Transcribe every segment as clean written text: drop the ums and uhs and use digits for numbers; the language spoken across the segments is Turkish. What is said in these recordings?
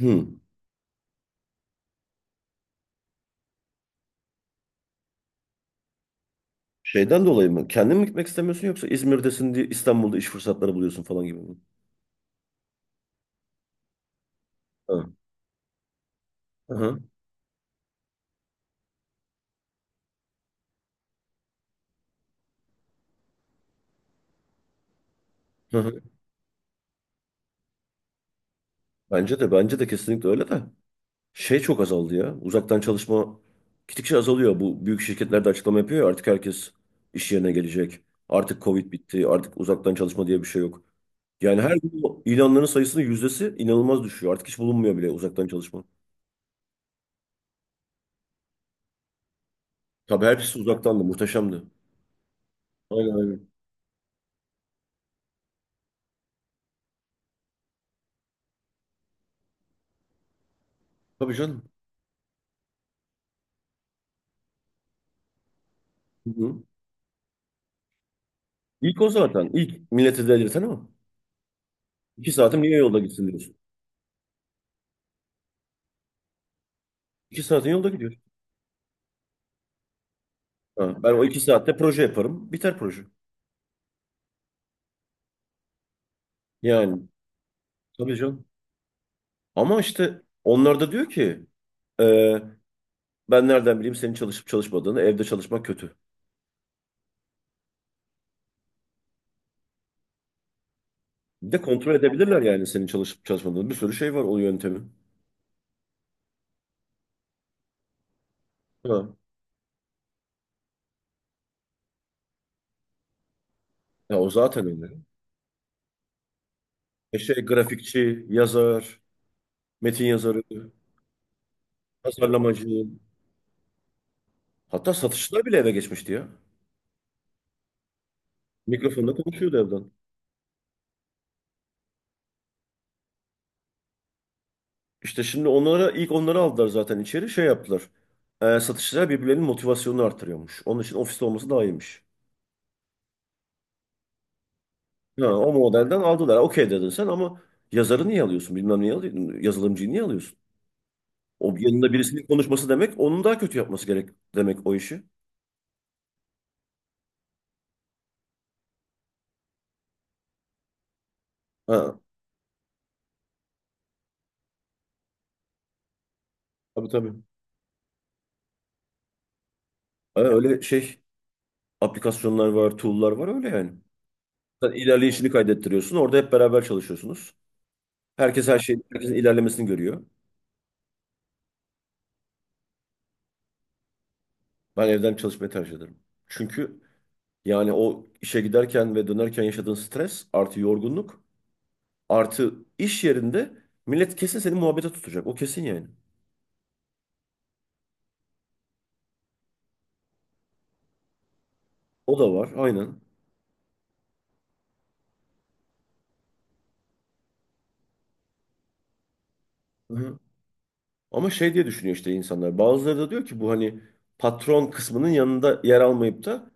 Hı. Şeyden dolayı mı? Kendin mi gitmek istemiyorsun, yoksa İzmir'desin diye İstanbul'da iş fırsatları buluyorsun falan gibi mi? Hı. Hı hı. Hı hı. Bence de kesinlikle öyle de. Şey çok azaldı ya. Uzaktan çalışma gittikçe azalıyor. Bu büyük şirketler de açıklama yapıyor ya, artık herkes iş yerine gelecek. Artık Covid bitti. Artık uzaktan çalışma diye bir şey yok. Yani her gün bu ilanların sayısının yüzdesi inanılmaz düşüyor. Artık hiç bulunmuyor bile uzaktan çalışma. Tabii hepsi uzaktandı. Muhteşemdi. Aynen aynen. Tabii canım. Hı hı. İlk o zaten. İlk milleti delirten o. İki saatim niye yolda gitsin diyorsun. İki saatin yolda gidiyor. Ha, ben o iki saatte proje yaparım. Biter proje. Yani tabii canım. Ama işte onlar da diyor ki e, ben nereden bileyim senin çalışıp çalışmadığını, evde çalışmak kötü. Bir de kontrol edebilirler yani senin çalışıp çalışmadığını. Bir sürü şey var o yöntemi. Ha. Ya o zaten öyle. E şey grafikçi, yazar, metin yazarı, tasarlamacı. Hatta satışçılar bile eve geçmişti ya. Mikrofonla konuşuyordu evden. İşte şimdi onlara, ilk onları aldılar zaten içeri, şey yaptılar. Satışçılar birbirlerinin motivasyonunu artırıyormuş. Onun için ofiste olması daha iyiymiş. Ha, o modelden aldılar. Okey dedin sen ama yazarı niye alıyorsun? Bilmem niye alıyorsun. Yazılımcıyı niye alıyorsun? O yanında birisinin konuşması demek onun daha kötü yapması gerek demek o işi. Ha, tabii tabii. Ha, öyle şey aplikasyonlar var, tool'lar var öyle yani. Sen ilerleyişini kaydettiriyorsun. Orada hep beraber çalışıyorsunuz. Herkes her şeyin, herkesin ilerlemesini görüyor. Ben evden çalışmayı tercih ederim. Çünkü yani o işe giderken ve dönerken yaşadığın stres artı yorgunluk artı iş yerinde millet kesin seni muhabbete tutacak. O kesin yani. O da var aynen. Hı-hı. Ama şey diye düşünüyor işte insanlar. Bazıları da diyor ki bu, hani patron kısmının yanında yer almayıp da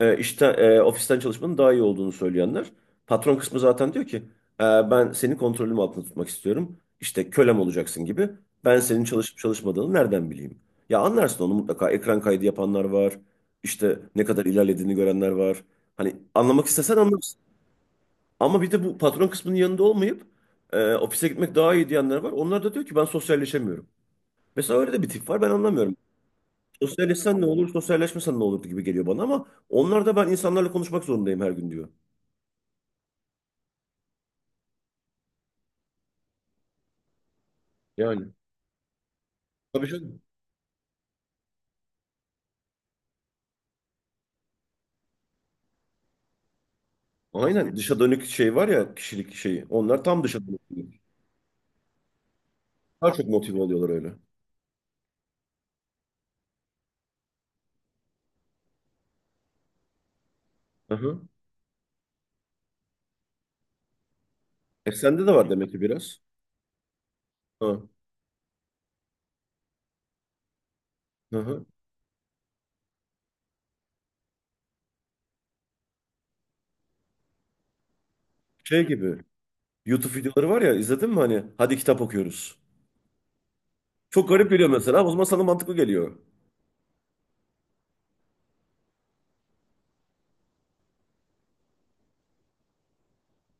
ofisten çalışmanın daha iyi olduğunu söyleyenler. Patron kısmı zaten diyor ki: "E, ben seni kontrolüm altında tutmak istiyorum. İşte kölem olacaksın gibi. Ben senin çalışıp çalışmadığını nereden bileyim?" Ya anlarsın onu mutlaka. Ekran kaydı yapanlar var. İşte ne kadar ilerlediğini görenler var. Hani anlamak istesen anlarsın. Ama bir de bu patron kısmının yanında olmayıp ofise gitmek daha iyi diyenler var. Onlar da diyor ki ben sosyalleşemiyorum. Mesela öyle de bir tip var, ben anlamıyorum. Sosyalleşsen ne olur, sosyalleşmesen ne olur gibi geliyor bana, ama onlar da ben insanlarla konuşmak zorundayım her gün diyor. Yani tabii canım. Aynen, dışa dönük şey var ya, kişilik şeyi. Onlar tam dışa dönük. Daha çok motive oluyorlar öyle. Hı hı. E sende de var demek ki biraz. Hı. Hı hı. Şey gibi YouTube videoları var ya, izledin mi, hani hadi kitap okuyoruz. Çok garip geliyor mesela, o zaman sana mantıklı geliyor.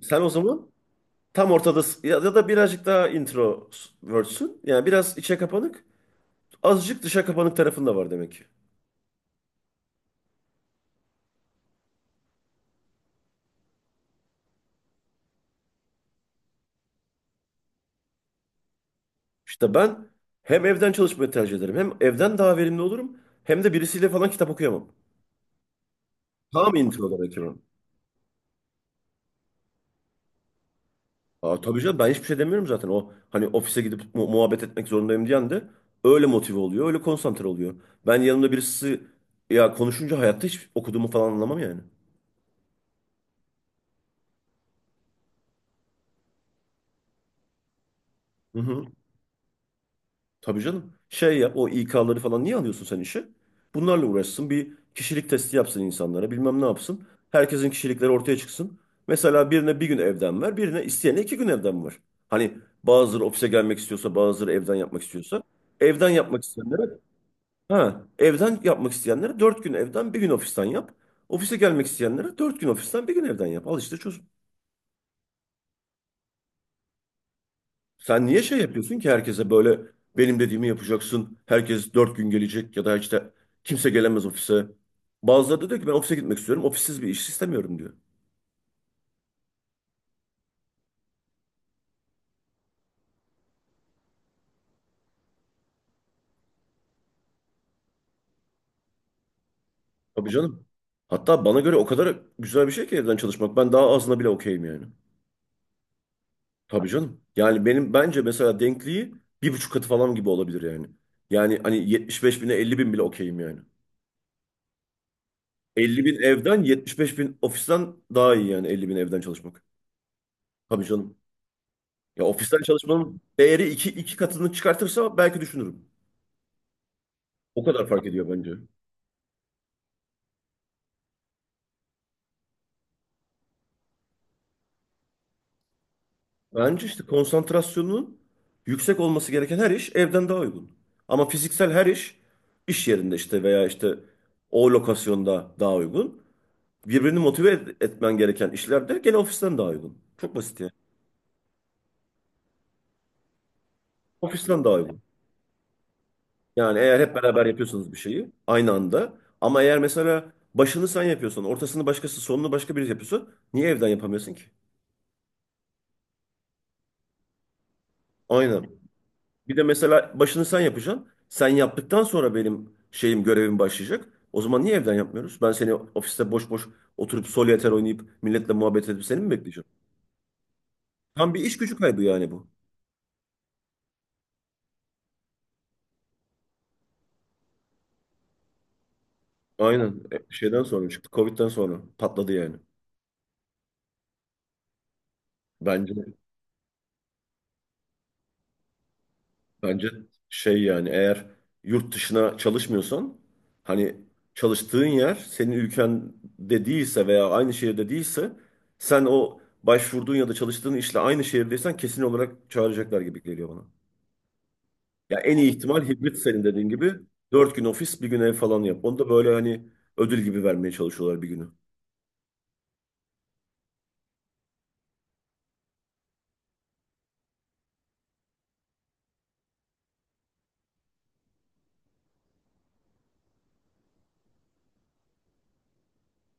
Sen o zaman tam ortadasın ya, ya da birazcık daha introvertsin. Yani biraz içe kapanık, azıcık dışa kapanık tarafın da var demek ki. İşte ben hem evden çalışmayı tercih ederim. Hem evden daha verimli olurum. Hem de birisiyle falan kitap okuyamam. Tam intro olarak yani. Aa, tabii canım, ben hiçbir şey demiyorum zaten. O hani ofise gidip muhabbet etmek zorundayım diyen de öyle motive oluyor. Öyle konsantre oluyor. Ben yanımda birisi ya konuşunca hayatta hiç okuduğumu falan anlamam yani. Hı hı. Tabii canım. Şey yap, o İK'ları falan niye alıyorsun sen işe? Bunlarla uğraşsın. Bir kişilik testi yapsın insanlara. Bilmem ne yapsın. Herkesin kişilikleri ortaya çıksın. Mesela birine 1 gün evden ver. Birine, isteyene 2 gün evden ver. Hani bazıları ofise gelmek istiyorsa, bazıları evden yapmak istiyorsa. Evden yapmak isteyenlere ha, Evden yapmak isteyenlere 4 gün evden 1 gün ofisten yap. Ofise gelmek isteyenlere 4 gün ofisten 1 gün evden yap. Al işte çöz. Sen niye şey yapıyorsun ki herkese böyle benim dediğimi yapacaksın. Herkes 4 gün gelecek, ya da işte kimse gelemez ofise. Bazıları da diyor ki ben ofise gitmek istiyorum. Ofissiz bir iş istemiyorum diyor. Tabii canım. Hatta bana göre o kadar güzel bir şey ki evden çalışmak. Ben daha azına bile okeyim yani. Tabii canım. Yani benim bence mesela denkliği 1,5 katı falan gibi olabilir yani. Yani hani 75 bine 50 bin bile okeyim yani. 50 bin evden 75 bin ofisten daha iyi, yani 50 bin evden çalışmak. Tabii canım. Ya ofisten çalışmanın değeri iki, iki katını çıkartırsa belki düşünürüm. O kadar fark ediyor bence. Bence işte konsantrasyonun yüksek olması gereken her iş evden daha uygun. Ama fiziksel her iş iş yerinde işte, veya işte o lokasyonda daha uygun. Birbirini motive etmen gereken işler de gene ofisten daha uygun. Çok basit ya. Ofisten daha uygun. Yani eğer hep beraber yapıyorsanız bir şeyi aynı anda, ama eğer mesela başını sen yapıyorsan, ortasını başkası, sonunu başka biri yapıyorsa, niye evden yapamıyorsun ki? Aynen. Bir de mesela başını sen yapacaksın. Sen yaptıktan sonra benim şeyim, görevim başlayacak. O zaman niye evden yapmıyoruz? Ben seni ofiste boş boş oturup solitaire oynayıp milletle muhabbet edip seni mi bekleyeceğim? Tam bir iş gücü kaybı yani bu. Aynen. Şeyden sonra çıktı. Covid'den sonra patladı yani. Bence. Bence şey yani, eğer yurt dışına çalışmıyorsan, hani çalıştığın yer senin ülkende değilse veya aynı şehirde değilse, sen o başvurduğun ya da çalıştığın işle aynı şehirdeysen kesin olarak çağıracaklar gibi geliyor bana. Ya en iyi ihtimal hibrit, senin dediğin gibi 4 gün ofis 1 gün ev falan yap. Onu da böyle hani ödül gibi vermeye çalışıyorlar bir günü.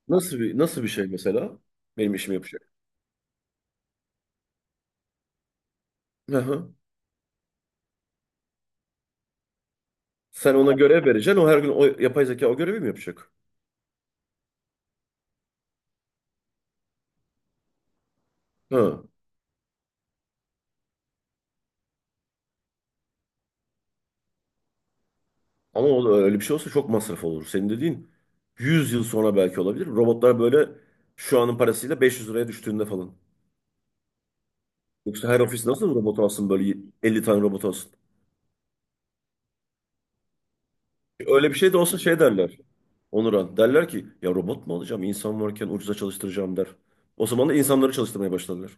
Nasıl bir şey mesela benim işimi yapacak? Hı hı. Sen ona görev vereceksin, o her gün o yapay zeka o görevi mi yapacak? Hı. Ama öyle bir şey olsa çok masraf olur. Senin dediğin 100 yıl sonra belki olabilir. Robotlar böyle şu anın parasıyla 500 liraya düştüğünde falan. Yoksa her ofis nasıl robot alsın böyle, 50 tane robot alsın. Öyle bir şey de olsa şey derler. Onuran derler ki ya robot mu alacağım insan varken, ucuza çalıştıracağım der. O zaman da insanları çalıştırmaya başladılar.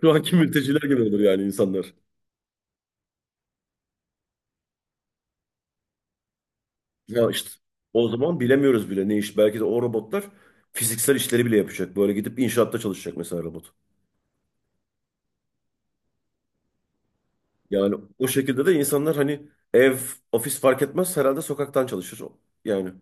Şu anki mülteciler gibi olur yani insanlar. Ya işte o zaman bilemiyoruz bile ne iş. Belki de o robotlar fiziksel işleri bile yapacak. Böyle gidip inşaatta çalışacak mesela robot. Yani o şekilde de insanlar hani ev, ofis fark etmez herhalde, sokaktan çalışır. Yani